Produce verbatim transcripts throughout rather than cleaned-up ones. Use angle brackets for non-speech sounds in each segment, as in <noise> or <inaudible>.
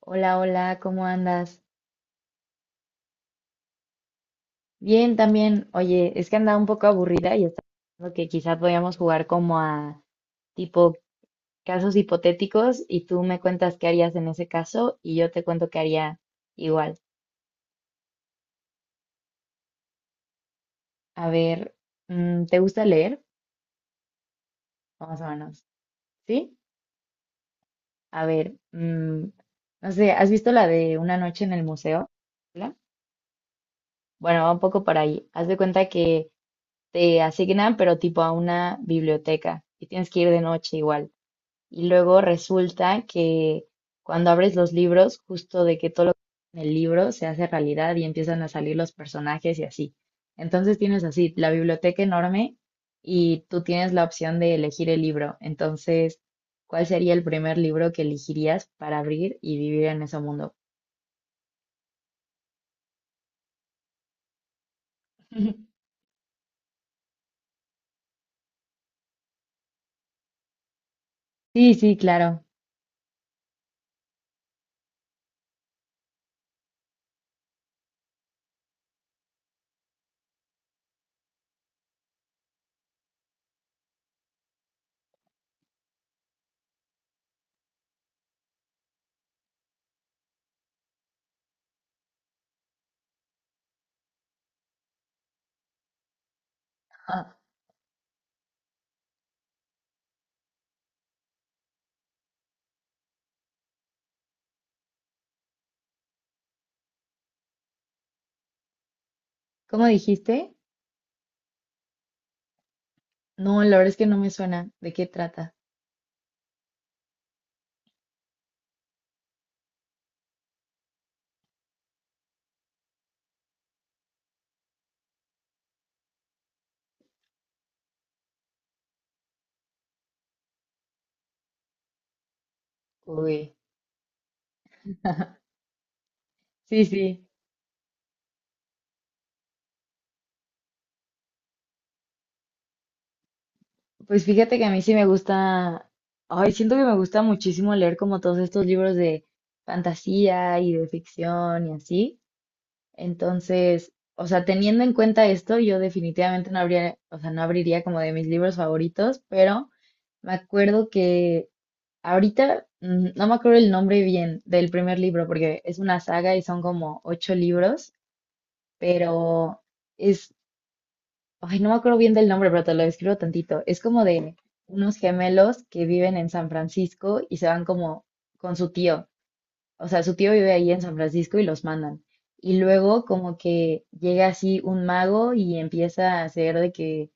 Hola, hola, ¿cómo andas? Bien, también. Oye, es que andaba un poco aburrida y estaba pensando que quizá podíamos jugar como a tipo casos hipotéticos y tú me cuentas qué harías en ese caso y yo te cuento qué haría igual. A ver, mm, ¿te gusta leer? Vamos a vernos. ¿Sí? A ver, mm, no sé, ¿has visto la de Una noche en el museo? ¿La? Bueno, va un poco por ahí. Haz de cuenta que te asignan, pero tipo a una biblioteca y tienes que ir de noche igual. Y luego resulta que cuando abres los libros, justo de que todo lo que en el libro se hace realidad y empiezan a salir los personajes y así. Entonces tienes así la biblioteca enorme y tú tienes la opción de elegir el libro. Entonces, ¿cuál sería el primer libro que elegirías para abrir y vivir en ese mundo? <laughs> Sí, sí, claro. Ah, ¿cómo dijiste? No, la verdad es que no me suena. ¿De qué trata? Uy, <laughs> sí, sí. Pues fíjate que a mí sí me gusta, ay, siento que me gusta muchísimo leer como todos estos libros de fantasía y de ficción y así. Entonces, o sea, teniendo en cuenta esto, yo definitivamente no habría, o sea, no abriría como de mis libros favoritos, pero me acuerdo que ahorita mm, no me acuerdo el nombre bien del primer libro porque es una saga y son como ocho libros, pero ay, no me acuerdo bien del nombre, pero te lo describo tantito. Es como de unos gemelos que viven en San Francisco y se van como con su tío. O sea, su tío vive ahí en San Francisco y los mandan. Y luego como que llega así un mago y empieza a hacer de que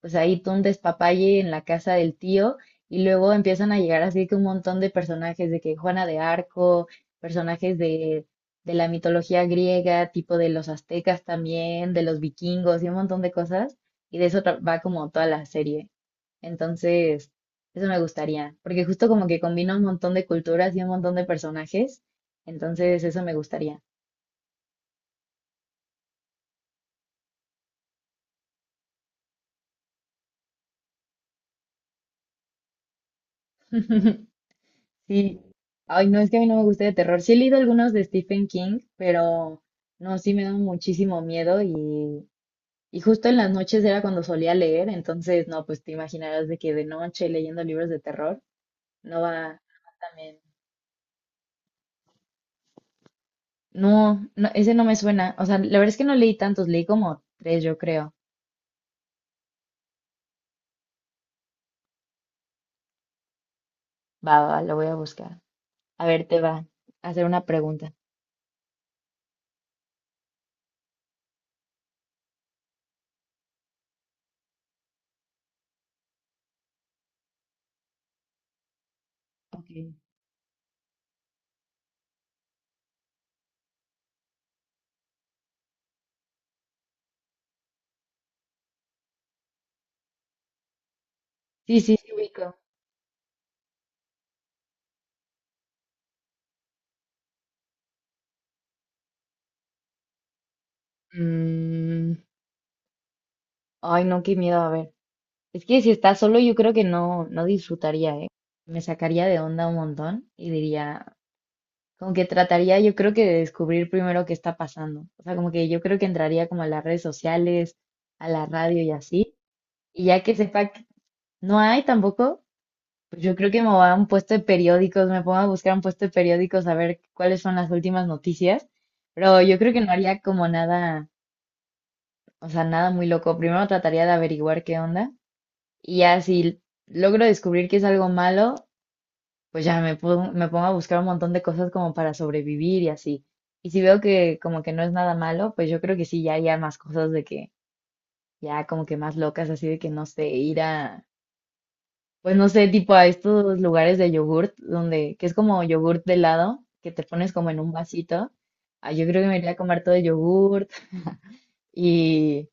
pues ahí tú un despapalle en la casa del tío y luego empiezan a llegar así que un montón de personajes de que Juana de Arco, personajes de, de la mitología griega, tipo de los aztecas también, de los vikingos y un montón de cosas y de eso tra- va como toda la serie. Entonces, eso me gustaría, porque justo como que combina un montón de culturas y un montón de personajes, entonces eso me gustaría. <laughs> Sí, ay, no es que a mí no me guste de terror. Sí he leído algunos de Stephen King, pero no, sí me da muchísimo miedo y, y justo en las noches era cuando solía leer, entonces no, pues te imaginarás de que de noche leyendo libros de terror no va también. No, no, ese no me suena. O sea, la verdad es que no leí tantos, leí como tres, yo creo. Va, va, va, lo voy a buscar. A ver, te va a hacer una pregunta. Ok. Sí, sí, sí, ubico. Mm, Ay, no, qué miedo, a ver. Es que si está solo, yo creo que no, no disfrutaría, ¿eh? Me sacaría de onda un montón y diría, como que trataría, yo creo que de descubrir primero qué está pasando. O sea, como que yo creo que entraría como a las redes sociales, a la radio y así. Y ya que sepa que no hay tampoco, pues yo creo que me voy a un puesto de periódicos, me pongo a buscar un puesto de periódicos a ver cuáles son las últimas noticias. Pero yo creo que no haría como nada, o sea, nada muy loco. Primero trataría de averiguar qué onda y ya si logro descubrir que es algo malo, pues ya me pongo, me pongo a buscar un montón de cosas como para sobrevivir y así. Y si veo que como que no es nada malo, pues yo creo que sí, ya haría más cosas de que, ya como que más locas, así de que no sé, ir a, pues no sé, tipo a estos lugares de yogurt, donde, que es como yogurt de helado, que te pones como en un vasito. Ah, yo creo que me iría a comer todo el yogurt y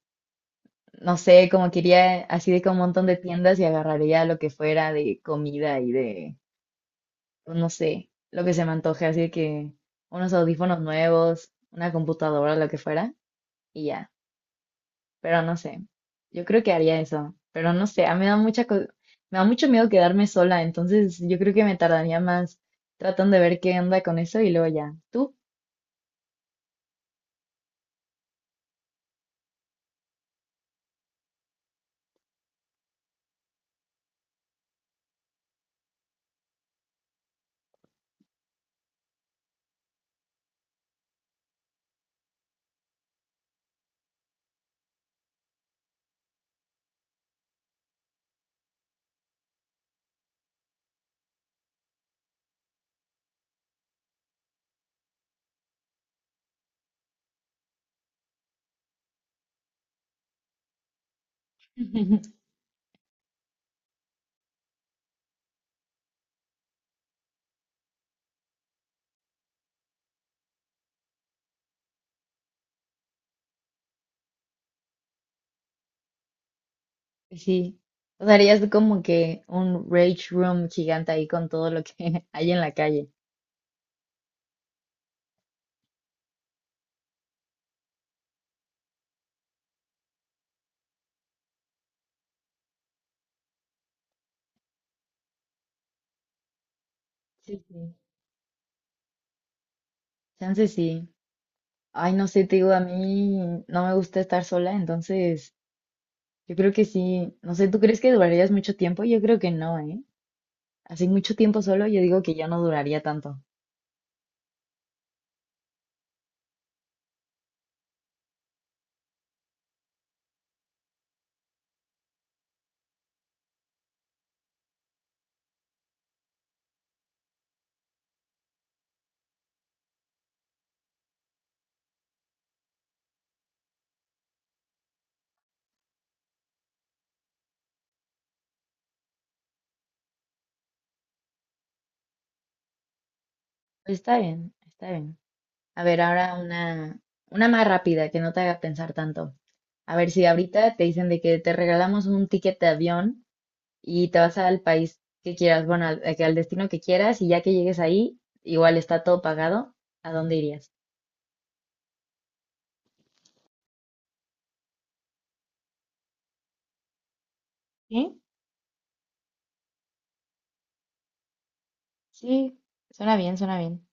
no sé, como que iría así de que a un montón de tiendas y agarraría lo que fuera de comida y de pues, no sé, lo que se me antoje, así que unos audífonos nuevos, una computadora, lo que fuera, y ya. Pero no sé, yo creo que haría eso, pero no sé, a mí me da mucha, co- me da mucho miedo quedarme sola, entonces yo creo que me tardaría más tratando de ver qué onda con eso y luego ya. ¿Tú? <laughs> Sí. O sea, harías como que un rage room gigante ahí con todo lo que <laughs> hay en la calle. Sí, sí. Chance sí. Ay, no sé, te digo, a mí no me gusta estar sola, entonces yo creo que sí, no sé, ¿tú crees que durarías mucho tiempo? Yo creo que no, ¿eh? Así mucho tiempo solo, yo digo que ya no duraría tanto. Pero está bien, está bien. A ver, ahora una, una más rápida que no te haga pensar tanto. A ver, si ahorita te dicen de que te regalamos un ticket de avión y te vas al país que quieras, bueno, al, a que- al destino que quieras, y ya que llegues ahí, igual está todo pagado, ¿a dónde irías? ¿Sí? Sí, suena bien, suena bien.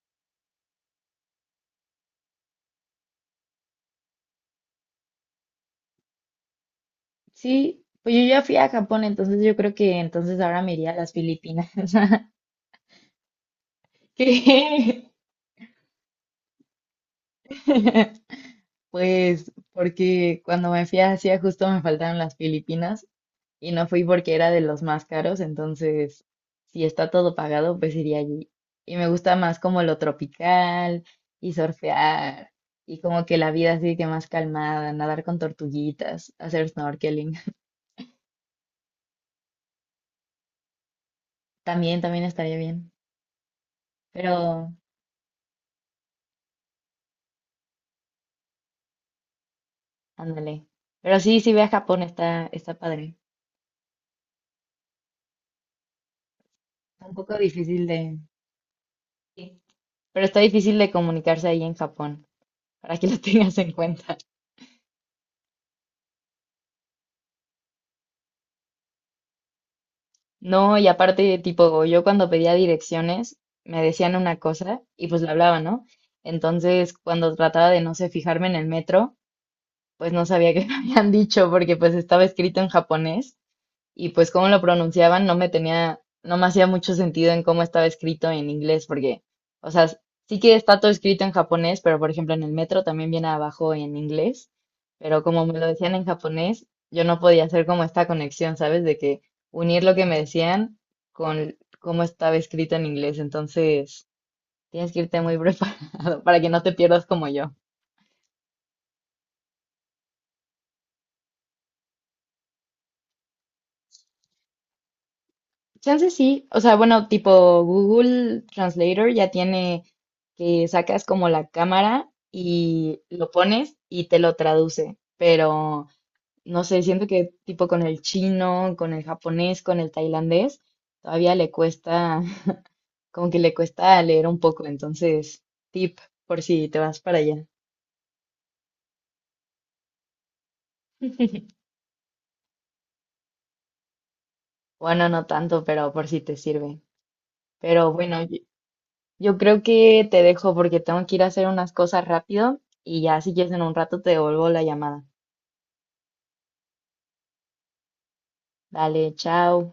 Sí, pues yo ya fui a Japón, entonces yo creo que entonces ahora me iría a las Filipinas. <laughs> ¿Qué? <laughs> Pues porque cuando me fui a Asia justo me faltaron las Filipinas y no fui porque era de los más caros, entonces si está todo pagado, pues iría allí. Y me gusta más como lo tropical y surfear y como que la vida así que más calmada, nadar con tortuguitas, hacer snorkeling. <laughs> También, también estaría bien. Pero ándale. Pero sí, sí ve a Japón, está, está padre. Está un poco difícil de... sí, pero está difícil de comunicarse ahí en Japón, para que lo <laughs> tengas en cuenta. No, y aparte, tipo, yo cuando pedía direcciones, me decían una cosa y pues la hablaba, ¿no? Entonces, cuando trataba de no sé, fijarme en el metro, pues no sabía <laughs> qué me habían dicho porque pues estaba escrito en japonés. Y pues cómo lo pronunciaban no me tenía, no me hacía mucho sentido en cómo estaba escrito en inglés, porque, o sea, sí que está todo escrito en japonés, pero por ejemplo en el metro también viene abajo en inglés, pero como me lo decían en japonés, yo no podía hacer como esta conexión, ¿sabes? De que unir lo que me decían con cómo estaba escrito en inglés, entonces tienes que irte muy <laughs> preparado para que no te pierdas como yo. Chance sí, o sea, bueno, tipo Google Translator ya tiene que sacas como la cámara y lo pones y te lo traduce, pero no sé, siento que tipo con el chino, con el japonés, con el tailandés, todavía le cuesta, <laughs> como que le cuesta leer un poco, entonces, tip por si te vas para allá. <laughs> Bueno, no tanto, pero por si te sirve. Pero bueno, yo creo que te dejo porque tengo que ir a hacer unas cosas rápido y ya si quieres en un rato te devuelvo la llamada. Dale, chao.